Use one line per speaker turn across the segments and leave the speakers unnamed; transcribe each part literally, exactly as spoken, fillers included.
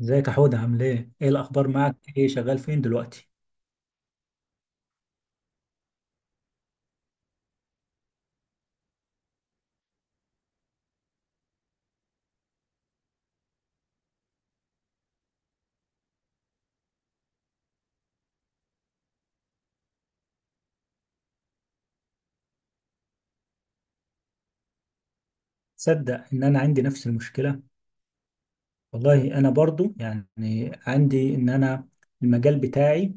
ازيك يا حودة؟ عامل ايه؟ ايه الأخبار معك؟ ايه شغال فين دلوقتي؟ تصدق إن أنا عندي نفس المشكلة؟ والله أنا برضو يعني عندي إن أنا المجال بتاعي،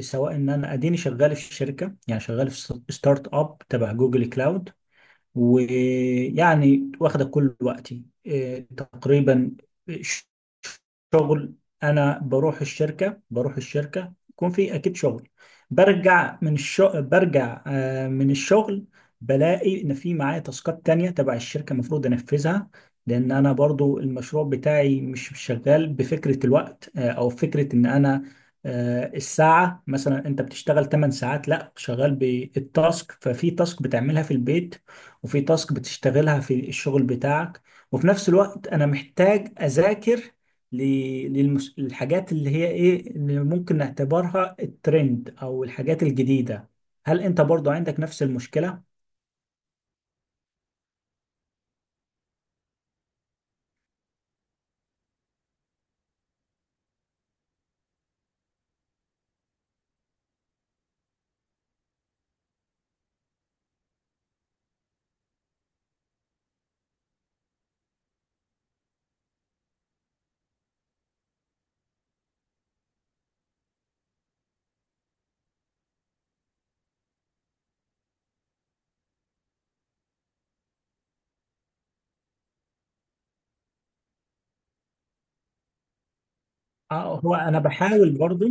سواء إن أنا أديني شغال في الشركة، يعني شغال في س- ستارت أب تبع جوجل كلاود، ويعني واخدة كل وقتي، إيه، تقريبا شغل. انا بروح الشركه، بروح الشركه يكون في اكيد شغل. برجع من الشغل، برجع آه، من الشغل بلاقي ان في معايا تاسكات تانية تبع الشركه المفروض انفذها. لان انا برضو المشروع بتاعي مش شغال بفكره الوقت، آه، او فكره ان انا آه، الساعه. مثلا انت بتشتغل ثمانية ساعات، لا، شغال بالتاسك. ففي تاسك بتعملها في البيت، وفي تاسك بتشتغلها في الشغل بتاعك. وفي نفس الوقت انا محتاج اذاكر للحاجات اللي هي ايه اللي ممكن نعتبرها الترند او الحاجات الجديدة. هل انت برضو عندك نفس المشكلة؟ اه. هو انا بحاول برضو،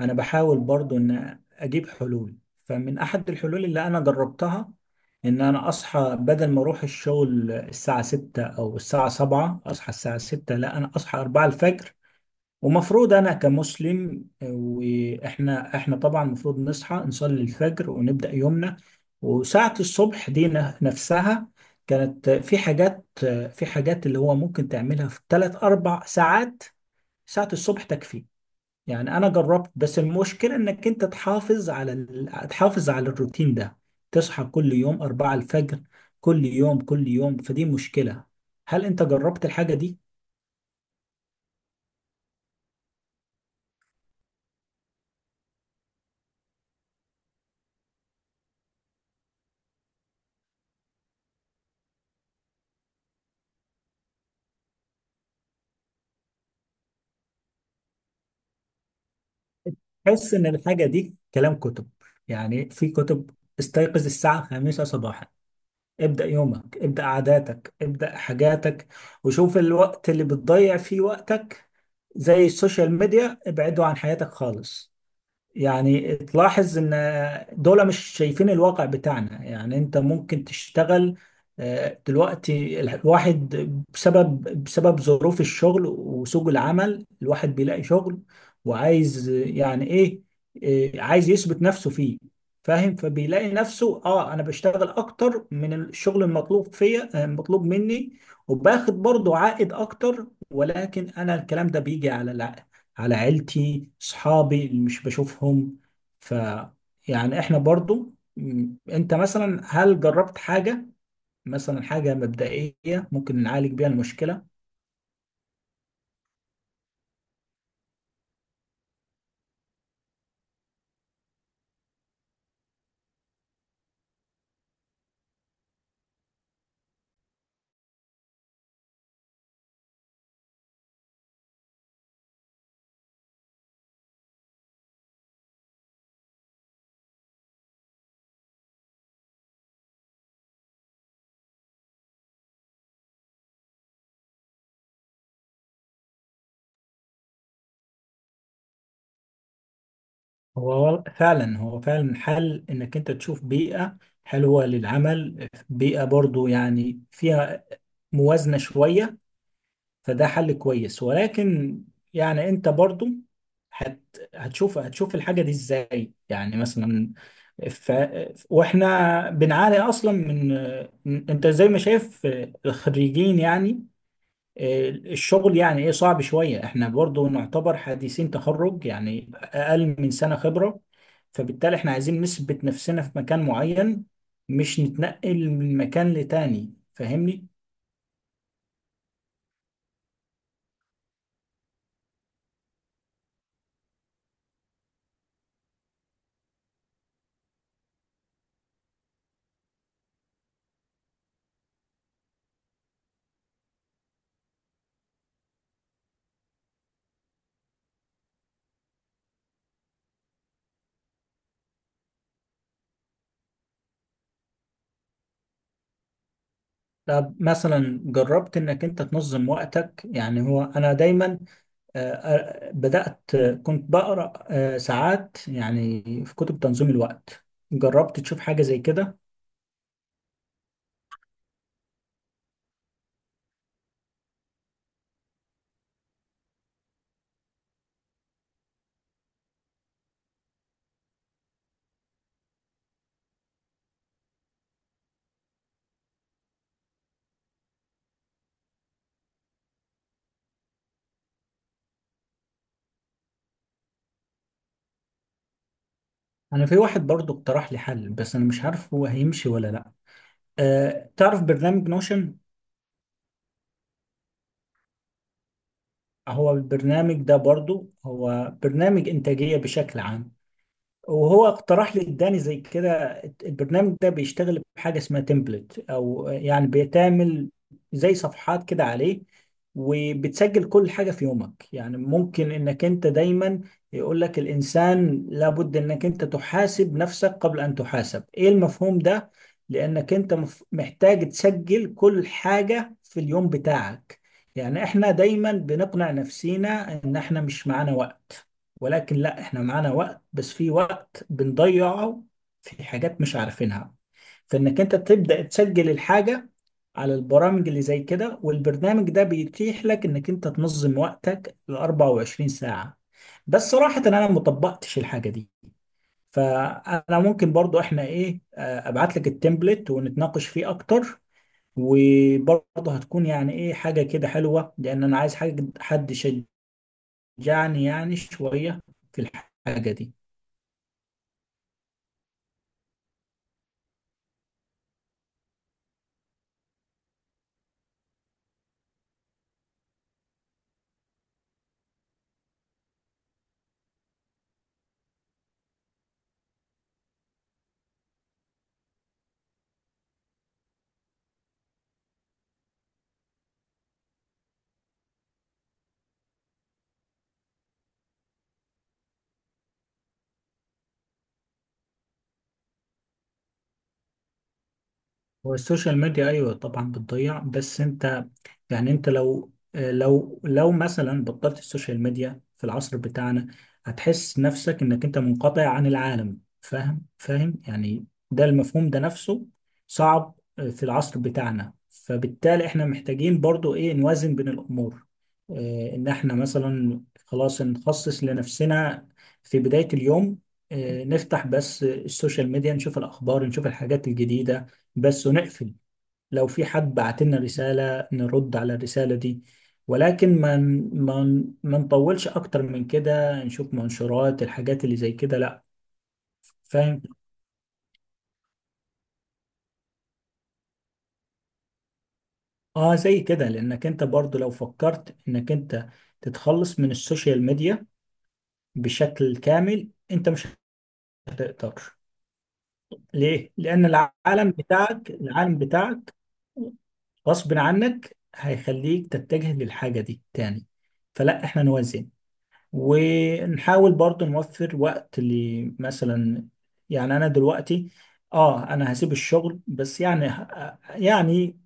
انا بحاول برضو ان اجيب حلول. فمن احد الحلول اللي انا جربتها ان انا اصحى، بدل ما اروح الشغل الساعة ستة او الساعة سبعة، اصحى الساعة ستة، لا، انا اصحى أربعة الفجر. ومفروض انا كمسلم، آه، واحنا احنا طبعا المفروض نصحى نصلي الفجر ونبدا يومنا. وساعه الصبح دي ن- نفسها كانت آه، في حاجات، آه، في حاجات اللي هو ممكن تعملها في ثلاث اربع ساعات. ساعه الصبح تكفي. يعني انا جربت، بس المشكله انك انت تحافظ على ال... تحافظ على الروتين ده. تصحى كل يوم أربعة الفجر، كل يوم، كل يوم فدي مشكله. هل انت جربت الحاجه دي؟ حس ان الحاجه دي كلام كتب. يعني في كتب، استيقظ الساعه خمسة صباحا، ابدا يومك، ابدا عاداتك، ابدا حاجاتك، وشوف الوقت اللي بتضيع فيه وقتك، زي السوشيال ميديا، ابعده عن حياتك خالص. يعني تلاحظ ان دول مش شايفين الواقع بتاعنا. يعني انت ممكن تشتغل، آه، دلوقتي ال- الواحد بسبب بسبب ظروف الشغل وسوق العمل الواحد بيلاقي شغل، وعايز آه، يعني ايه، آه، عايز يثبت نفسه فيه، فاهم؟ فبيلاقي نفسه، اه انا بشتغل اكتر من الشغل المطلوب فيا، آه، المطلوب مني، وباخد برضه عائد اكتر. ولكن انا الكلام ده بيجي على، على عيلتي، صحابي اللي مش بشوفهم. ف، يعني احنا برضو م، انت مثلا هل جربت حاجة، مثلا حاجة مبدئية ممكن نعالج بيها المشكلة؟ هو وال- فعلا، هو فعلا حل انك انت تشوف بيئة حلوة للعمل، بيئة برضو يعني فيها موازنة شوية. فده حل كويس، ولكن يعني انت برضو هت هتشوف، هتشوف الحاجة دي ازاي، يعني مثلا ف... واحنا بنعاني اصلا من، انت زي ما شايف الخريجين، يعني الشغل يعني ايه صعب شوية. احنا برضو نعتبر حديثين تخرج، يعني اقل من سنة خبرة. فبالتالي احنا عايزين نثبت نفسنا في مكان معين، مش نتنقل من مكان لتاني، فاهمني؟ طب مثلا جربت انك انت تنظم وقتك؟ يعني هو انا دايما، آه، آه، بدأت، آه، كنت بقرأ آه، ساعات يعني في كتب تنظيم الوقت. جربت تشوف حاجة زي كده؟ انا في واحد برضو اقترح لي حل، بس انا مش عارف هو هيمشي ولا لا. آه، تعرف برنامج نوشن؟ هو البرنامج ده برضو هو برنامج انتاجية بشكل عام، وهو اقترح لي، اداني زي كده. البرنامج ده بيشتغل بحاجه اسمها تمبلت، او يعني بيتعمل زي صفحات كده عليه، وبتسجل كل حاجه في يومك. يعني ممكن انك انت دايما، يقول لك الانسان لابد انك انت تحاسب نفسك قبل ان تحاسب، ايه المفهوم ده. لانك انت مف- محتاج تسجل كل حاجه في اليوم بتاعك. يعني احنا دايما بنقنع نفسينا ان احنا مش معانا وقت، ولكن لا، احنا معانا وقت، بس في وقت بنضيعه في حاجات مش عارفينها. فإنك أنت تبدأ تسجل الحاجة على البرامج اللي زي كده، والبرنامج ده بيتيح لك إنك أنت تنظم وقتك ل أربعة وعشرين ساعة. بس صراحة أنا ما طبقتش الحاجة دي. فأنا ممكن برضو، إحنا إيه، آه، أبعت لك التمبلت ونتناقش فيه أكتر. وبرضه هتكون يعني إيه، حاجة كده حلوة، لأن أنا عايز حاجة، حد يشجعني يعني شوية في الحاجة دي. هو السوشيال ميديا ايوه طبعا بتضيع، بس انت يعني انت لو، لو لو مثلا بطلت السوشيال ميديا في العصر بتاعنا، هتحس نفسك انك انت منقطع عن العالم، فاهم؟ فاهم؟ يعني ده المفهوم ده نفسه صعب، آه، في العصر بتاعنا. فبالتالي احنا محتاجين برضو ايه، نوازن بين الامور. اه، ان احنا مثلا خلاص نخصص لنفسنا في بداية اليوم، اه نفتح بس السوشيال ميديا، نشوف الاخبار، نشوف الحاجات الجديدة بس، ونقفل. لو في حد بعت لنا رسالة، نرد على الرسالة دي. ولكن ما ما ما نطولش أكتر من كده. نشوف منشورات الحاجات اللي زي كده، لأ. فاهم؟ آه، زي كده. لأنك أنت برضو لو فكرت إنك أنت تتخلص من السوشيال ميديا بشكل كامل، أنت مش هتقدر. ليه؟ لأن العالم بتاعك، العالم بتاعك غصب عنك هيخليك تتجه للحاجة دي تاني. فلا، احنا نوزع، ونحاول برضو نوفر وقت لمثلا، يعني انا دلوقتي اه انا هسيب الشغل، بس يعني ه- يعني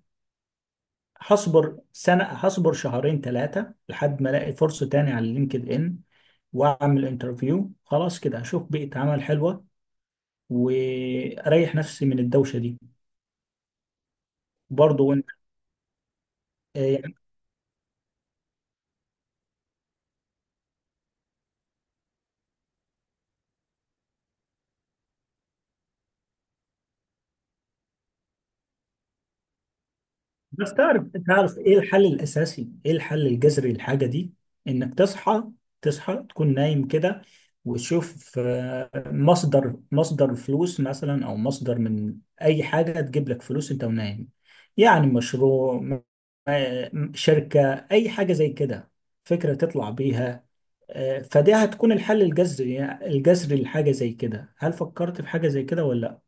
هصبر سنة، هصبر شهرين ثلاثة لحد ما الاقي فرصة تاني على لينكد ان، واعمل انترفيو. خلاص كده هشوف بيئة عمل حلوة واريح نفسي من الدوشة دي برضو. وانت؟ بس تعرف، تعرف ايه الحل الاساسي، ايه الحل الجذري للحاجه دي؟ انك تصحى، تصحى تكون نايم كده، وتشوف آه، مصدر، مصدر فلوس مثلا، او مصدر من اي حاجه تجيب لك فلوس انت ونايم. يعني مشروع، م- آه، شركه، اي حاجه زي كده، فكره تطلع بيها. آه، فدي هتكون الحل الجذري، الجذري لحاجه زي كده. هل فكرت في حاجه زي كده ولا؟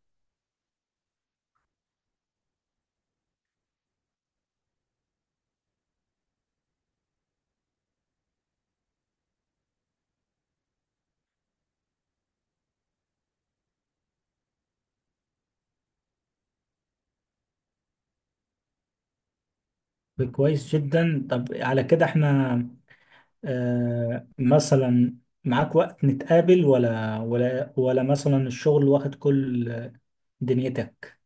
لا، كويس جدا. طب على كده احنا، آه مثلا معاك وقت نتقابل، ولا ولا ولا مثلا الشغل واخد كل دنيتك؟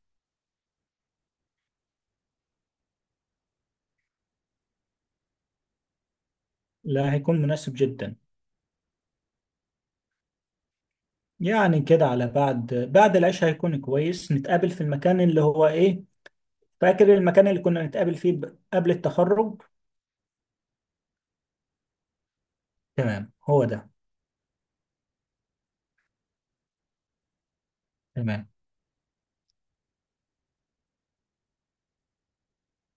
لا، هيكون مناسب جدا. يعني كده على بعد، بعد العشاء هيكون كويس. نتقابل في المكان اللي هو ايه، فاكر المكان اللي كنا نتقابل فيه ب- قبل التخرج؟ تمام، هو ده. تمام.